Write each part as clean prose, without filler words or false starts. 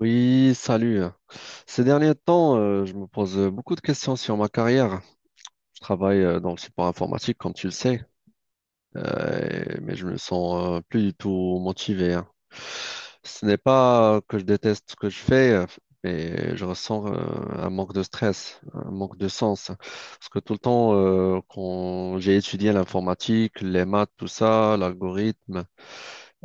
Oui, salut. Ces derniers temps, je me pose beaucoup de questions sur ma carrière. Je travaille dans le support informatique, comme tu le sais, mais je me sens plus du tout motivé, hein. Ce n'est pas que je déteste ce que je fais, mais je ressens un manque de stress, un manque de sens. Parce que tout le temps, quand j'ai étudié l'informatique, les maths, tout ça, l'algorithme,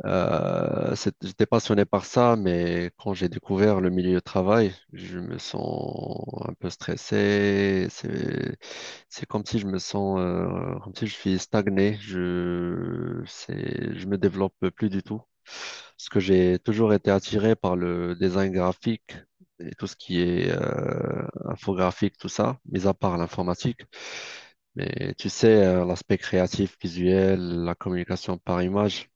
j'étais passionné par ça, mais quand j'ai découvert le milieu de travail, je me sens un peu stressé. C'est comme si je me sens, comme si je suis stagné. Je me développe plus du tout. Parce que j'ai toujours été attiré par le design graphique et tout ce qui est infographique, tout ça, mis à part l'informatique. Mais tu sais, l'aspect créatif, visuel, la communication par image.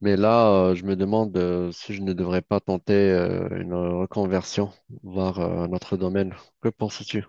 Mais là, je me demande si je ne devrais pas tenter une reconversion vers notre domaine. Que penses-tu?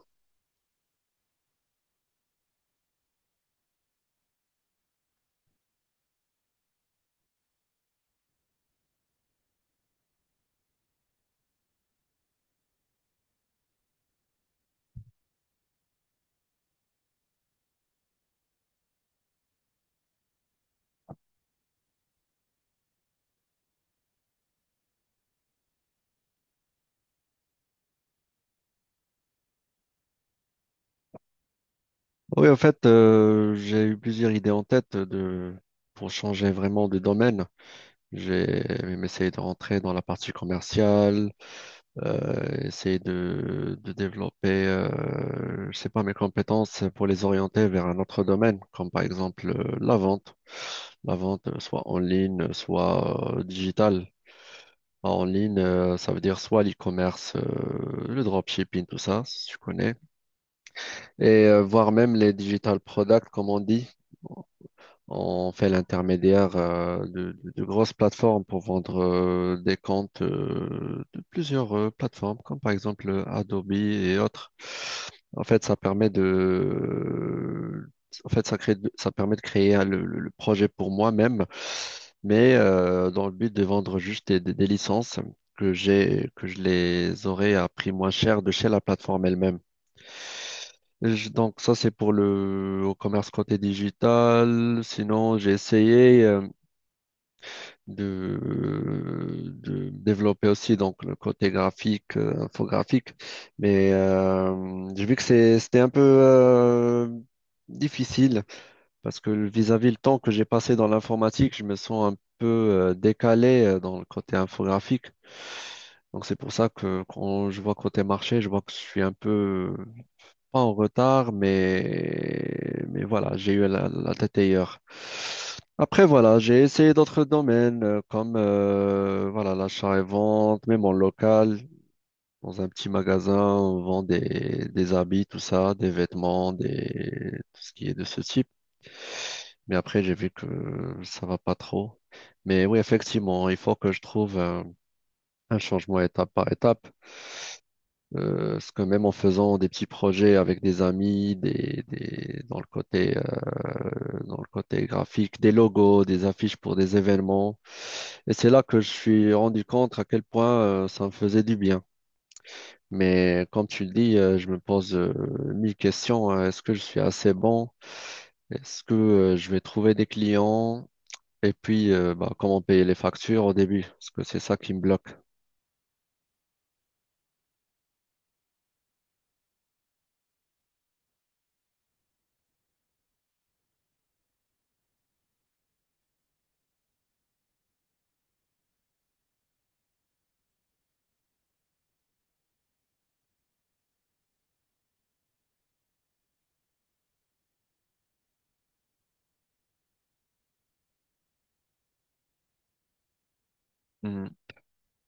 Oui, en fait, j'ai eu plusieurs idées en tête pour changer vraiment de domaine. J'ai même essayé de rentrer dans la partie commerciale, essayer de développer, je sais pas, mes compétences pour les orienter vers un autre domaine, comme par exemple la vente. La vente, soit en ligne, soit digitale. En ligne, ça veut dire soit l'e-commerce, le dropshipping, tout ça, si tu connais, et voire même les digital products, comme on dit. On fait l'intermédiaire de grosses plateformes pour vendre des comptes de plusieurs plateformes, comme par exemple Adobe et autres. En fait, ça permet de créer le projet pour moi-même, mais dans le but de vendre juste des licences que j'ai, que je les aurais à prix moins cher de chez la plateforme elle-même. Donc ça, c'est pour le au commerce côté digital. Sinon, j'ai essayé de, de développer aussi donc le côté graphique, infographique, mais j'ai vu que c'était un peu difficile parce que vis-à-vis le temps que j'ai passé dans l'informatique, je me sens un peu décalé dans le côté infographique. Donc c'est pour ça que quand je vois côté marché, je vois que je suis un peu pas en retard, mais voilà, j'ai eu la tête ailleurs. Après, voilà, j'ai essayé d'autres domaines comme voilà, l'achat et vente, même en local, dans un petit magasin, on vend des habits, tout ça, des vêtements, des, tout ce qui est de ce type. Mais après, j'ai vu que ça va pas trop. Mais oui, effectivement, il faut que je trouve un changement étape par étape. Parce que même en faisant des petits projets avec des amis, dans le côté graphique, des logos, des affiches pour des événements. Et c'est là que je suis rendu compte à quel point ça me faisait du bien. Mais comme tu le dis, je me pose mille questions, hein. Est-ce que je suis assez bon? Est-ce que je vais trouver des clients? Et puis, bah, comment payer les factures au début? Parce que c'est ça qui me bloque.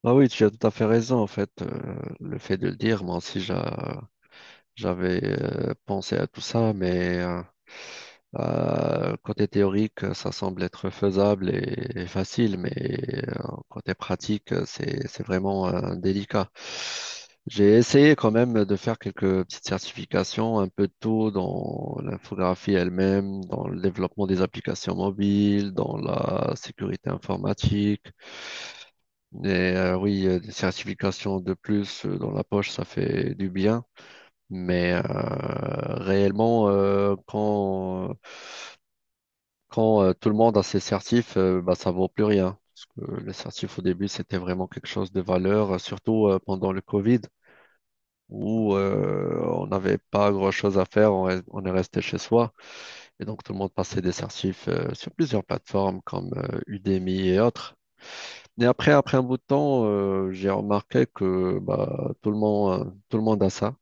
Ah oui, tu as tout à fait raison, en fait, le fait de le dire, moi aussi j'avais pensé à tout ça, mais côté théorique, ça semble être faisable et facile, mais côté pratique, c'est vraiment délicat. J'ai essayé quand même de faire quelques petites certifications, un peu de tout dans l'infographie elle-même, dans le développement des applications mobiles, dans la sécurité informatique. Et oui, des certifications de plus dans la poche, ça fait du bien. Mais réellement, quand, quand tout le monde a ses certifs, bah, ça vaut plus rien. Parce que les certifs au début, c'était vraiment quelque chose de valeur, surtout pendant le Covid, où on n'avait pas grand-chose à faire, on est resté chez soi. Et donc, tout le monde passait des certifs sur plusieurs plateformes comme Udemy et autres. Et après un bout de temps, j'ai remarqué que bah, tout le monde a ça.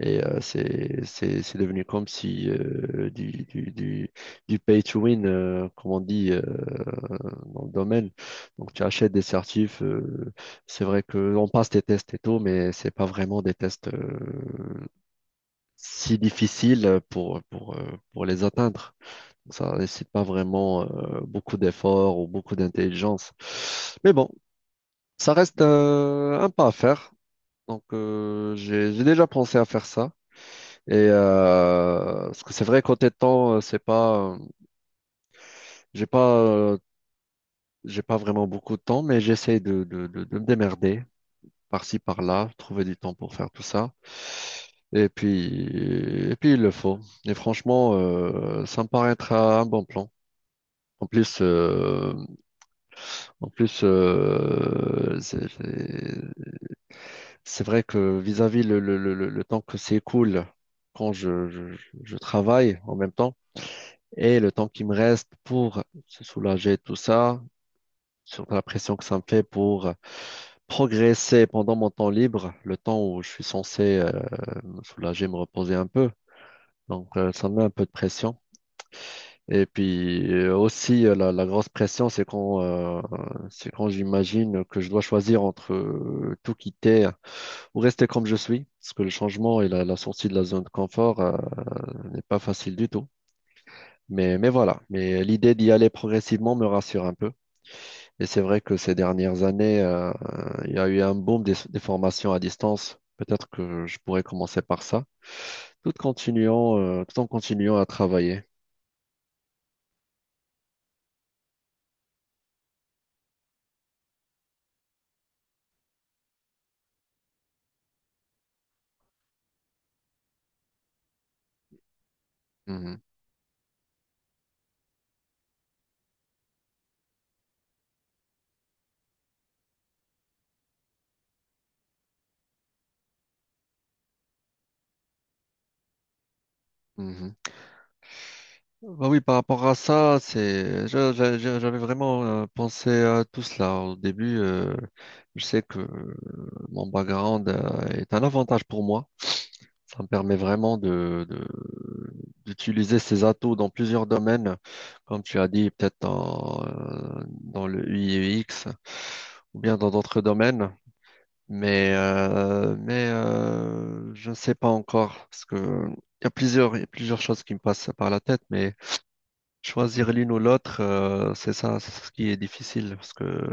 Et c'est devenu comme si du pay to win, comme on dit dans le domaine. Donc tu achètes des certifs. C'est vrai que on passe des tests et tout, mais c'est pas vraiment des tests si difficiles pour les atteindre. Ça nécessite pas vraiment beaucoup d'efforts ou beaucoup d'intelligence. Mais bon. Ça reste un pas à faire. Donc, j'ai déjà pensé à faire ça. Et parce que c'est vrai, côté temps, c'est pas, j'ai pas, j'ai pas vraiment beaucoup de temps, mais j'essaie de me démerder par-ci, par-là, trouver du temps pour faire tout ça. Et puis, et puis, il le faut. Et franchement, ça me paraît être un bon plan. En plus, euh, en plus, c'est vrai que vis-à-vis le temps que s'écoule quand je travaille en même temps et le temps qui me reste pour se soulager de tout ça, sur la pression que ça me fait pour progresser pendant mon temps libre, le temps où je suis censé me soulager, me reposer un peu. Donc ça me met un peu de pression. Et puis aussi la grosse pression, c'est quand j'imagine que je dois choisir entre tout quitter ou rester comme je suis, parce que le changement et la sortie de la zone de confort, n'est pas facile du tout. Mais, voilà, mais l'idée d'y aller progressivement me rassure un peu. Et c'est vrai que ces dernières années, il y a eu un boom des formations à distance. Peut-être que je pourrais commencer par ça, tout en continuant à travailler. Mhm, mhm. Bah oui, par rapport à ça, c'est, je- j'avais vraiment pensé à tout cela au début. Je sais que mon background est un avantage pour moi. Ça me permet vraiment d'utiliser ces atouts dans plusieurs domaines, comme tu as dit, peut-être dans le U ui X ou bien dans d'autres domaines. Mais, je ne sais pas encore parce que il y a plusieurs choses qui me passent par la tête, mais choisir l'une ou l'autre, c'est ce qui est difficile parce que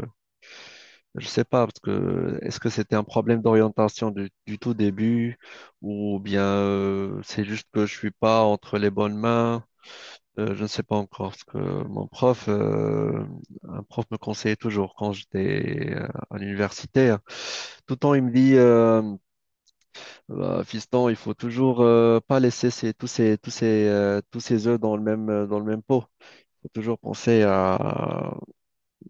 je sais pas, parce que est-ce que c'était un problème d'orientation du tout début ou bien c'est juste que je suis pas entre les bonnes mains, je ne sais pas encore parce que un prof me conseillait toujours quand j'étais à l'université, hein. Tout le temps il me dit bah, fiston, il faut toujours pas laisser ces- tous ces tous ces tous ces œufs dans le même pot. Faut toujours penser à,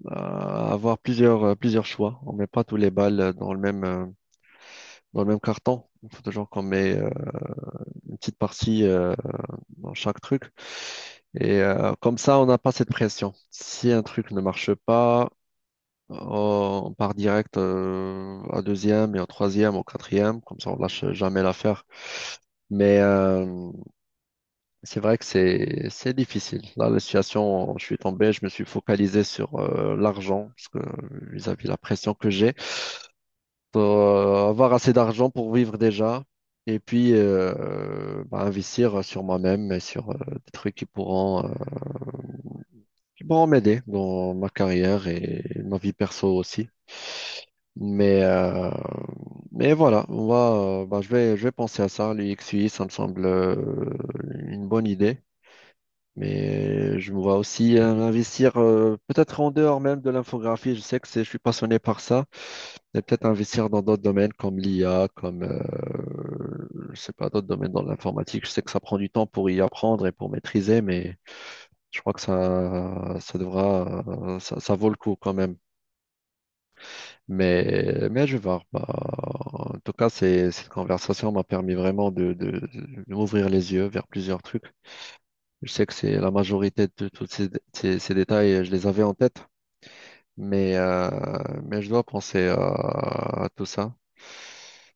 avoir plusieurs choix. On met pas tous les balles dans le même carton. Il faut toujours qu'on met une petite partie dans chaque truc. Et comme ça, on n'a pas cette pression. Si un truc ne marche pas, on part direct à deuxième et au troisième, au quatrième. Comme ça, on lâche jamais l'affaire. Mais c'est vrai que c'est difficile. Là, la situation, je suis tombé, je me suis focalisé sur l'argent parce que vis-à-vis la pression que j'ai. Pour avoir assez d'argent pour vivre déjà et puis bah, investir sur moi-même et sur des trucs qui pourront m'aider dans ma carrière et ma vie perso aussi. Mais, euh, mais, voilà, je vais penser à ça. L'UXUI, ça me semble une bonne idée. Mais je me vois aussi investir peut-être en dehors même de l'infographie. Je sais que je suis passionné par ça. Mais peut-être investir dans d'autres domaines comme l'IA, comme je sais pas, d'autres domaines dans l'informatique. Je sais que ça prend du temps pour y apprendre et pour maîtriser, mais je crois que ça vaut le coup quand même. Mais, je vais voir. Bah, en tout cas, cette conversation m'a permis vraiment de m'ouvrir les yeux vers plusieurs trucs. Je sais que c'est la majorité de tous ces détails, je les avais en tête, mais, euh, mais je dois penser à tout ça.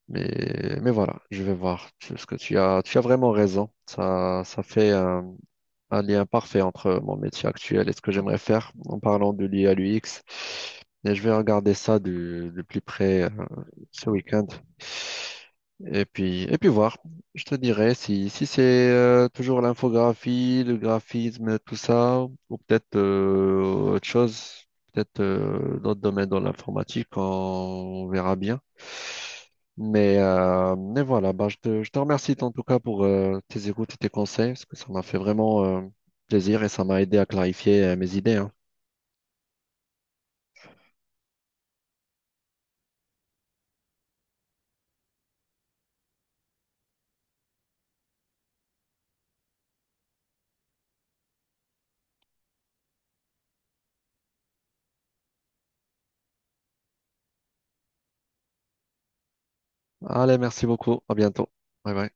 Mais, voilà, je vais voir ce que tu as. Tu as vraiment raison. Ça fait, un lien parfait entre mon métier actuel et ce que j'aimerais faire en parlant de l'IA, l'UX. Et je vais regarder ça de plus près ce week-end. Et puis, voir. Je te dirai si c'est toujours l'infographie, le graphisme, tout ça, ou peut-être autre chose, peut-être d'autres domaines dans l'informatique, on verra bien. Mais, voilà, bah, je te remercie en tout cas pour tes écoutes et tes conseils, parce que ça m'a fait vraiment plaisir et ça m'a aidé à clarifier mes idées, hein. Allez, merci beaucoup, à bientôt. Bye bye.